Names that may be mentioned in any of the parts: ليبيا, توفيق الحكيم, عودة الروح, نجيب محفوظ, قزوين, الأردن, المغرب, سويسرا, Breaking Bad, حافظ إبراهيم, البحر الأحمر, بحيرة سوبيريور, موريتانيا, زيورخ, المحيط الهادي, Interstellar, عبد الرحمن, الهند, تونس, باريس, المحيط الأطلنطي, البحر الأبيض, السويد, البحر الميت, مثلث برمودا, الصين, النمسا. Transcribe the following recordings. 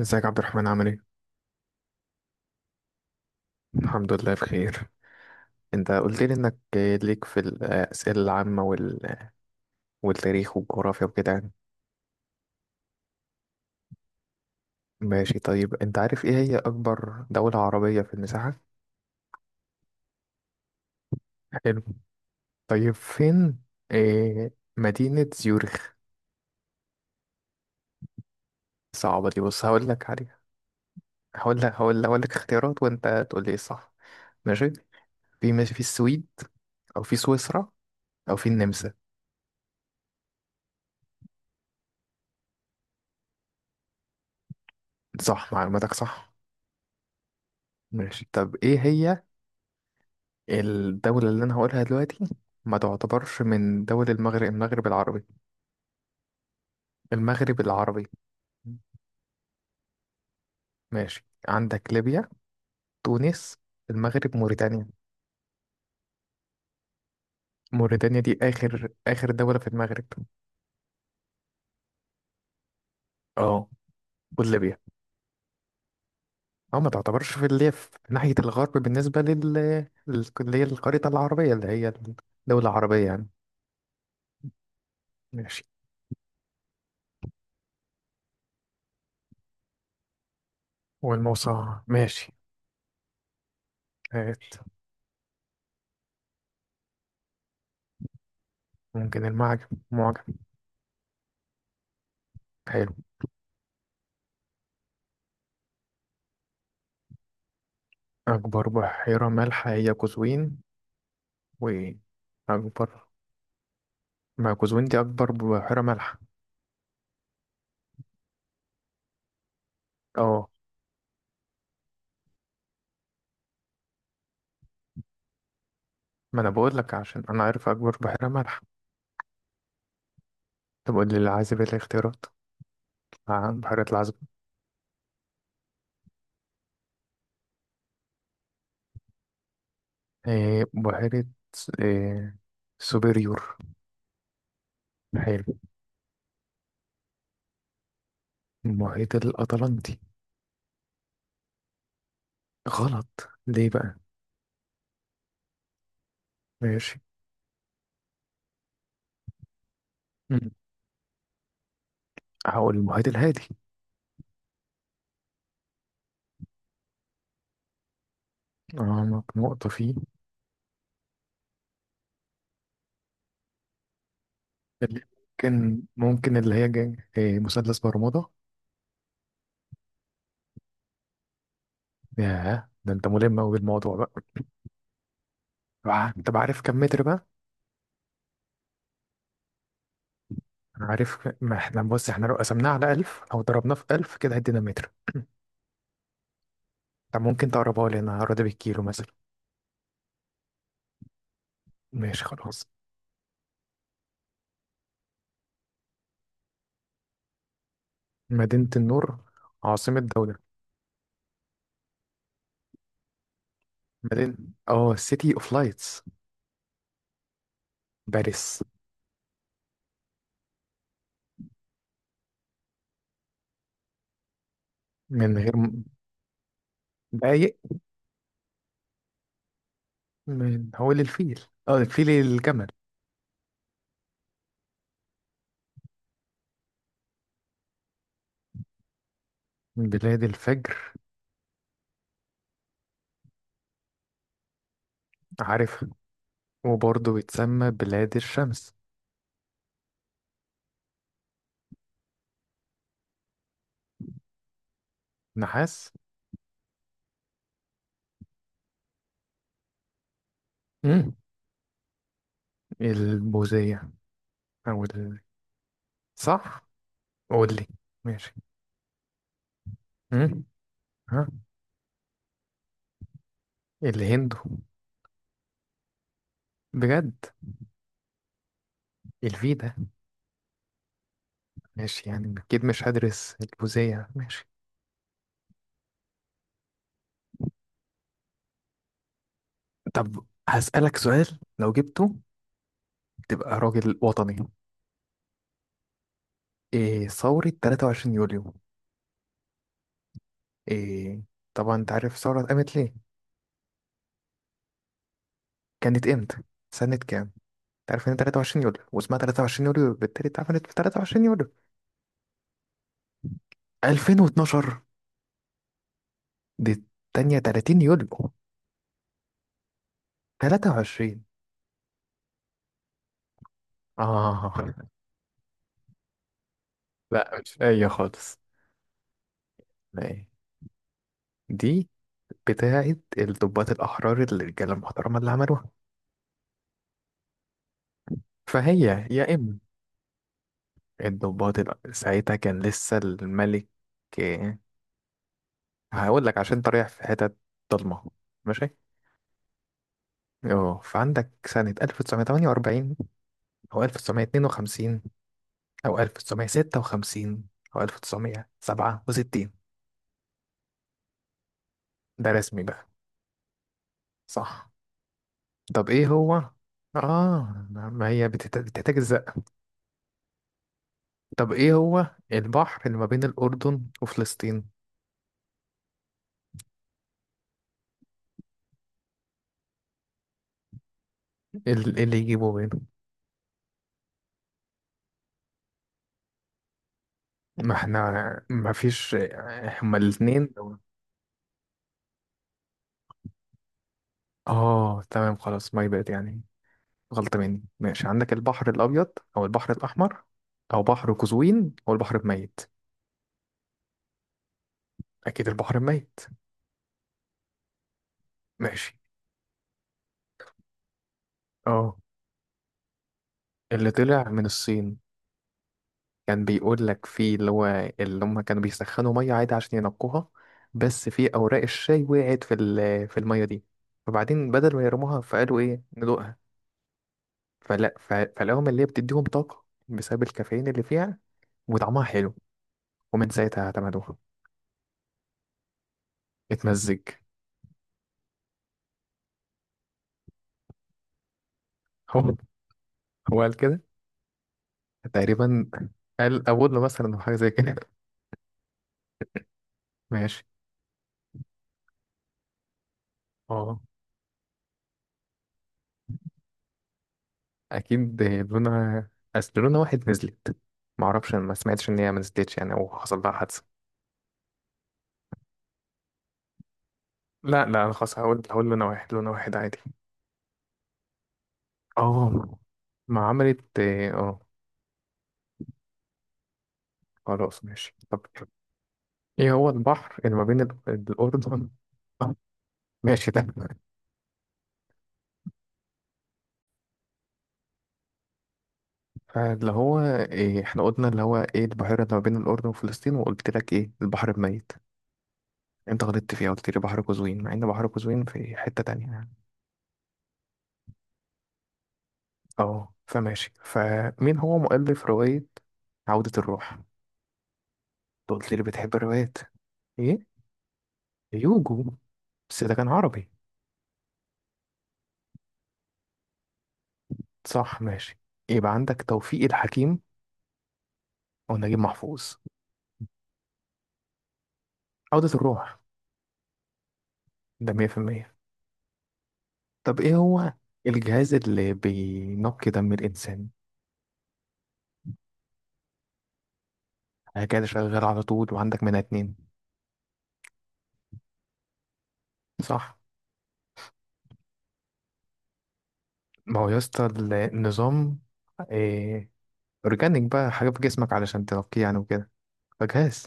ازيك يا عبد الرحمن، عامل ايه؟ الحمد لله بخير. انت قلت لي انك ليك في الأسئلة العامة وال... والتاريخ والجغرافيا وكده يعني. ماشي، طيب انت عارف ايه هي أكبر دولة عربية في المساحة؟ حلو. طيب فين إيه مدينة زيورخ؟ صعبة دي، بص هقول لك عليها. هقول لك اختيارات وانت تقول لي ايه الصح. ماشي؟ في ماشي في السويد، أو في سويسرا، أو في النمسا. صح، معلوماتك صح. ماشي، طب ايه هي الدولة اللي أنا هقولها دلوقتي ما تعتبرش من دول المغرب، المغرب العربي، المغرب العربي. ماشي، عندك ليبيا، تونس، المغرب، موريتانيا. موريتانيا دي آخر دولة في المغرب. اه، وليبيا. اه ما تعتبرش في اللي هي في ناحية الغرب بالنسبة لل اللي هي الخريطة العربية، اللي هي الدولة العربية يعني. ماشي. والموصل ماشي. هات. ممكن المعجم، معجم. حلو. أكبر بحيرة مالحة هي قزوين. وأكبر. ما كوزوين دي أكبر بحيرة مالحة. اه، ما أنا بقول لك عشان أنا عارف أكبر بحيرة مالحة. طب قول لي العازب إيه الاختيارات. بحيرة العازب. إيه بحيرة، إيه، سوبيريور. حلو. المحيط الأطلنطي. غلط ليه بقى؟ ماشي. مم. هقول المحيط الهادي. اه، نقطة فيه اللي، ممكن اللي هي جاي إيه، مثلث برمودا. ياه، ده انت ملم أوي بالموضوع بقى. انت عارف كم متر بقى؟ عارف، ما احنا بص احنا لو قسمناه على 1000 او ضربناه في 1000 كده هيدينا متر. طب ممكن تقربها لي، انا هقربها بالكيلو مثلا. ماشي، خلاص. مدينة النور عاصمة دولة. مدينة، اه سيتي اوف لايتس. باريس. من غير م- دقايق. من هو للفيل؟ اه الفيل، الجمل. بلاد الفجر. عارفها، وبرضه بتسمى بلاد الشمس. نحاس. مم. البوذية، او ال... صح، قول لي. ماشي. مم. ها. الهند. بجد؟ الفي ده. ماشي، يعني أكيد مش هدرس الجوزية. ماشي. طب هسألك سؤال، لو جبته تبقى راجل وطني. إيه ثورة 23 يوليو؟ إيه؟ طبعا أنت عارف الثورة قامت ليه. كانت إمتى؟ سنة كام؟ أنت عارف إن 23 يوليو واسمها 23 يوليو بالتالي اتعملت في 23 يوليو. 2012؟ دي التانية 30 يوليو. 23. آه لا، مش أي خالص. لا إيه. دي بتاعة الضباط الأحرار، الرجالة المحترمة اللي عملوها. فهي. يا إما. ساعتها كان لسه الملك. آه، هقول لك عشان انت رايح في حتت ضلمة. ماشي، اه فعندك سنة 1948، أو 1952، أو 1956، أو 1967. ده رسمي بقى. صح. طب إيه هو؟ آه، ما هي بتحتاج الزق. طب إيه هو البحر اللي ما بين الأردن وفلسطين؟ إيه إيه اللي يجيبه بينهم؟ ما احنا ما فيش، هما الاثنين. اه تمام، خلاص ماي باد يعني، غلطة مني. ماشي، عندك البحر الأبيض، أو البحر الأحمر، أو بحر قزوين، أو البحر الميت. أكيد البحر الميت. ماشي. اه، اللي طلع من الصين. كان بيقول لك في اللي هو، اللي هم كانوا بيسخنوا مية عادي عشان ينقوها، بس في أوراق الشاي وقعت في في المية دي، فبعدين بدل ما يرموها فقالوا إيه ندوقها. فلا فالقهوة الملية بتديهم طاقة بسبب الكافيين اللي فيها، وطعمها حلو. ومن ساعتها اعتمدوها. اتمزج. هو، هو قال كده تقريبا. قال أبولو مثلا أو حاجة زي كده. ماشي. اه، أكيد لونا. أصل لونا واحد نزلت، معرفش، أنا ما سمعتش إن هي ما نزلتش يعني، أو حصل لها حادثة. لا لا، أنا خلاص هقول لونا واحد، لونا واحد عادي. اه ما عملت، اه. خلاص ماشي. طب ايه هو البحر اللي ما بين الأردن ماشي ده، فاللي هو إيه، احنا قلنا اللي هو ايه البحيرة اللي ما بين الأردن وفلسطين وقلت لك ايه البحر الميت. انت غلطت فيها، قلت لي بحر قزوين، مع ان بحر قزوين في حتة تانية يعني. اه، فماشي. فمين هو مؤلف رواية عودة الروح؟ انت قلت لي بتحب الروايات. ايه، هيوجو؟ بس ده كان عربي. صح، ماشي. يبقى عندك توفيق الحكيم، او نجيب محفوظ. عودة الروح. ده 100%. طب ايه هو الجهاز اللي بينقي دم الانسان؟ حاجة كده شغال على طول وعندك منها اتنين. صح. ما هو يا اسطى، النظام، إيه، اورجانيك بقى، حاجه في جسمك علشان ترقيه يعني وكده، فجهاز.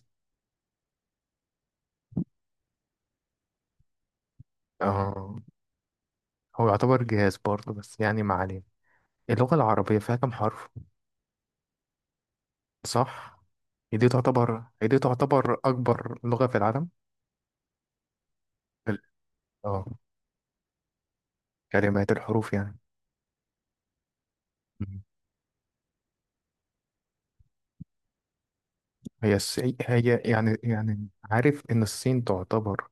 اه، هو يعتبر جهاز برضه بس يعني ما علينا. اللغه العربيه فيها كام حرف؟ صح. هي دي تعتبر اكبر لغه في العالم. ال- اه، كلمات، الحروف يعني. مم. هي يعني، يعني عارف ان الصين تعتبر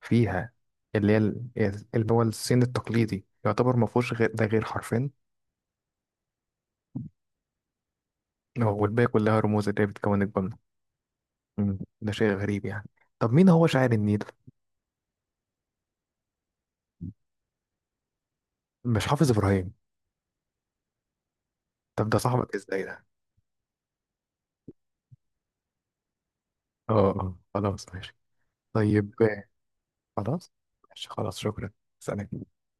فيها اللي هي اللي هو الصين التقليدي يعتبر ما فيهوش غير ده غير حرفين. اه، والباقي كلها رموز اللي هي بتكون الجملة. مم، ده شيء غريب يعني. طب مين هو شاعر النيل؟ مش حافظ إبراهيم. طب ده صاحبك ازاي ده؟ اه اه، خلاص ماشي. طيب خلاص ماشي، خلاص شكرا. سلام.